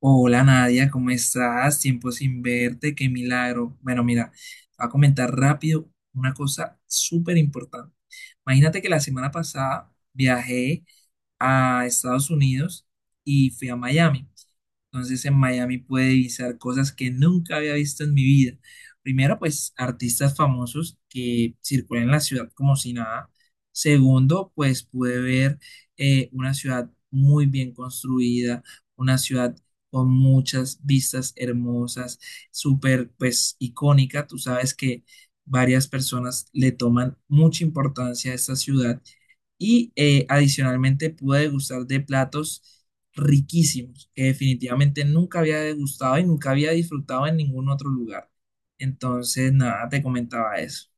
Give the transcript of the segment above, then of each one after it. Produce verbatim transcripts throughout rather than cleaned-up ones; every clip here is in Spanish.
Hola Nadia, ¿cómo estás? Tiempo sin verte, qué milagro. Bueno, mira, te voy a comentar rápido una cosa súper importante. Imagínate que la semana pasada viajé a Estados Unidos y fui a Miami. Entonces en Miami pude visitar cosas que nunca había visto en mi vida. Primero, pues artistas famosos que circulan en la ciudad como si nada. Segundo, pues pude ver eh, una ciudad muy bien construida, una ciudad con muchas vistas hermosas, súper pues icónica. Tú sabes que varias personas le toman mucha importancia a esta ciudad y eh, adicionalmente pude degustar de platos riquísimos que definitivamente nunca había degustado y nunca había disfrutado en ningún otro lugar. Entonces, nada, te comentaba eso.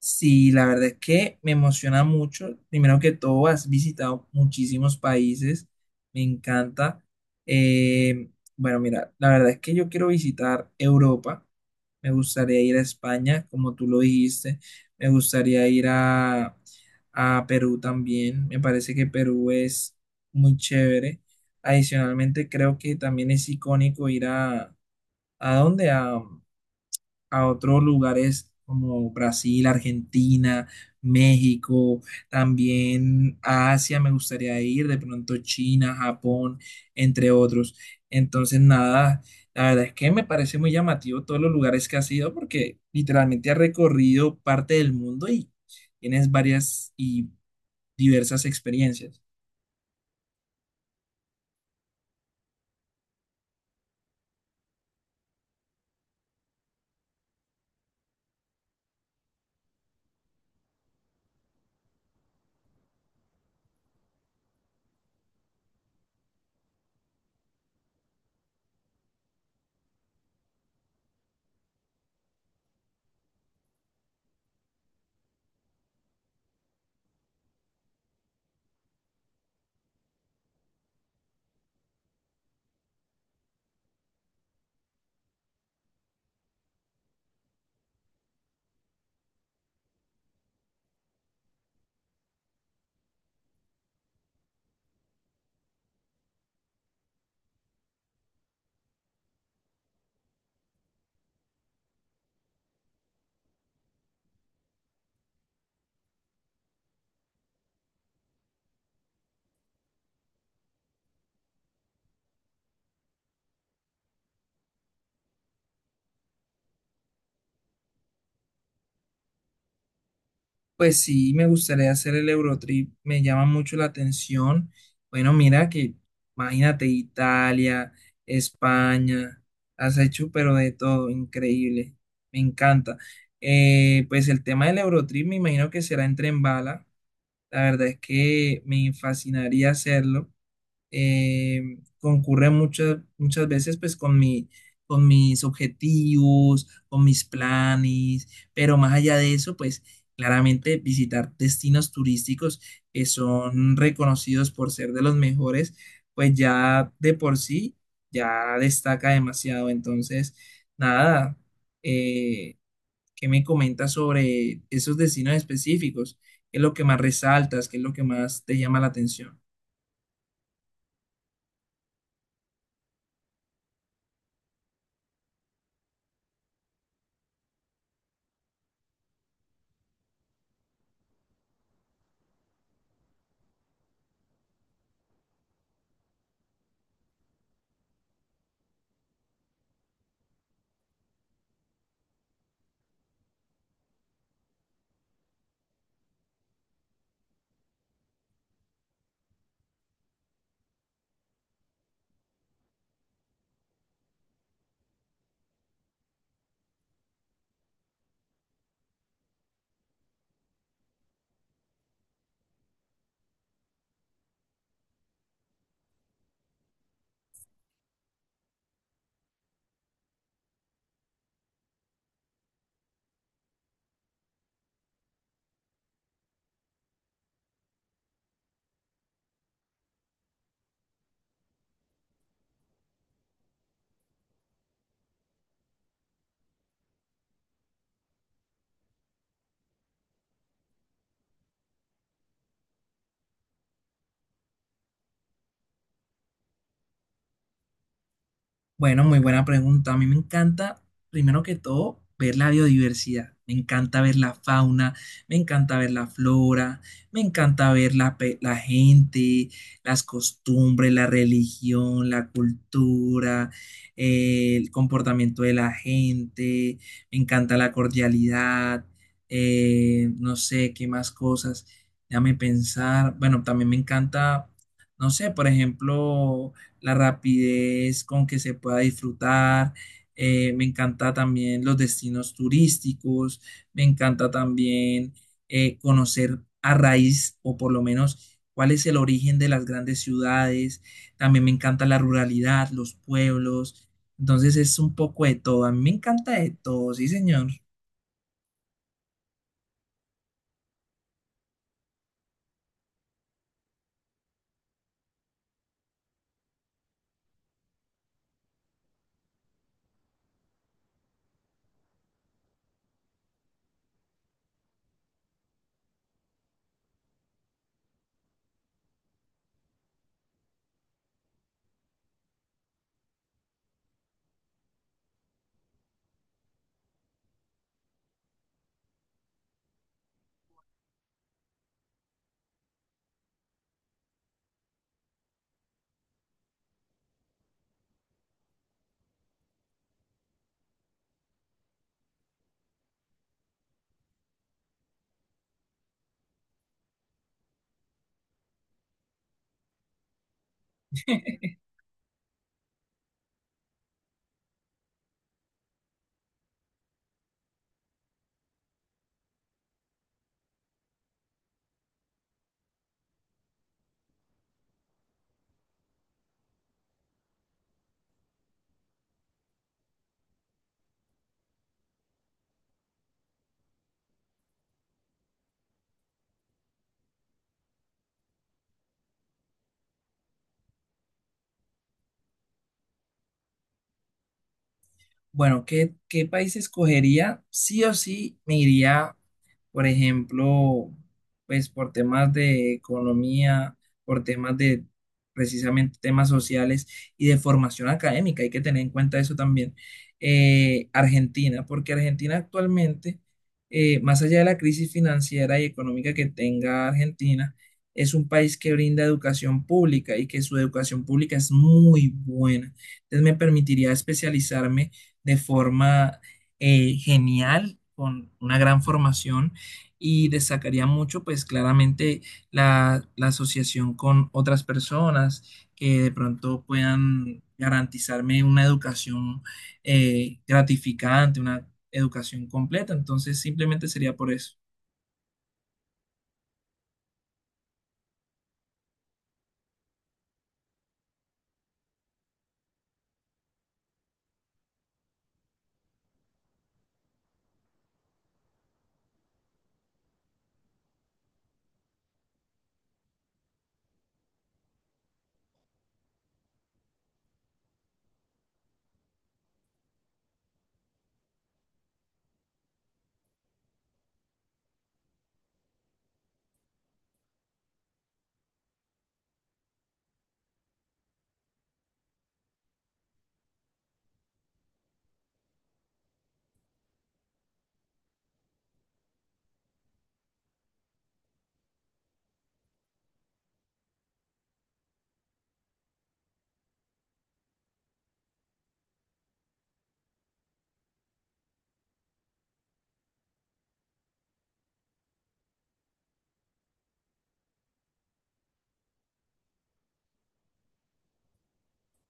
Sí, la verdad es que me emociona mucho. Primero que todo, has visitado muchísimos países. Me encanta. Eh, bueno, mira, la verdad es que yo quiero visitar Europa. Me gustaría ir a España, como tú lo dijiste. Me gustaría ir a, a Perú también. Me parece que Perú es muy chévere. Adicionalmente, creo que también es icónico ir a... ¿A dónde? A otros lugares como Brasil, Argentina, México, también a Asia me gustaría ir, de pronto China, Japón, entre otros. Entonces, nada, la verdad es que me parece muy llamativo todos los lugares que has ido porque literalmente has recorrido parte del mundo y tienes varias y diversas experiencias. Pues sí, me gustaría hacer el Eurotrip, me llama mucho la atención. Bueno, mira que, imagínate, Italia, España, has hecho pero de todo, increíble, me encanta. Eh, pues el tema del Eurotrip me imagino que será en tren bala, la verdad es que me fascinaría hacerlo, eh, concurre muchas, muchas veces pues con mi, con mis objetivos, con mis planes, pero más allá de eso, pues claramente visitar destinos turísticos que son reconocidos por ser de los mejores, pues ya de por sí, ya destaca demasiado. Entonces, nada, eh, ¿qué me comentas sobre esos destinos específicos? ¿Qué es lo que más resaltas? ¿Qué es lo que más te llama la atención? Bueno, muy buena pregunta. A mí me encanta, primero que todo, ver la biodiversidad. Me encanta ver la fauna, me encanta ver la flora, me encanta ver la, pe- la gente, las costumbres, la religión, la cultura, eh, el comportamiento de la gente. Me encanta la cordialidad. Eh, no sé qué más cosas. Déjame pensar. Bueno, también me encanta, no sé, por ejemplo la rapidez con que se pueda disfrutar. Eh, me encanta también los destinos turísticos, me encanta también eh, conocer a raíz o por lo menos cuál es el origen de las grandes ciudades. También me encanta la ruralidad, los pueblos. Entonces es un poco de todo. A mí me encanta de todo, sí, señor. Bueno, ¿qué, qué país escogería? Sí o sí me iría, por ejemplo, pues por temas de economía, por temas de precisamente temas sociales y de formación académica. Hay que tener en cuenta eso también. Eh, Argentina, porque Argentina actualmente, eh, más allá de la crisis financiera y económica que tenga Argentina, es un país que brinda educación pública y que su educación pública es muy buena. Entonces me permitiría especializarme de forma eh, genial, con una gran formación y destacaría mucho, pues claramente, la, la asociación con otras personas que de pronto puedan garantizarme una educación eh, gratificante, una educación completa. Entonces, simplemente sería por eso.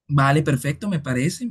Vale, perfecto, me parece.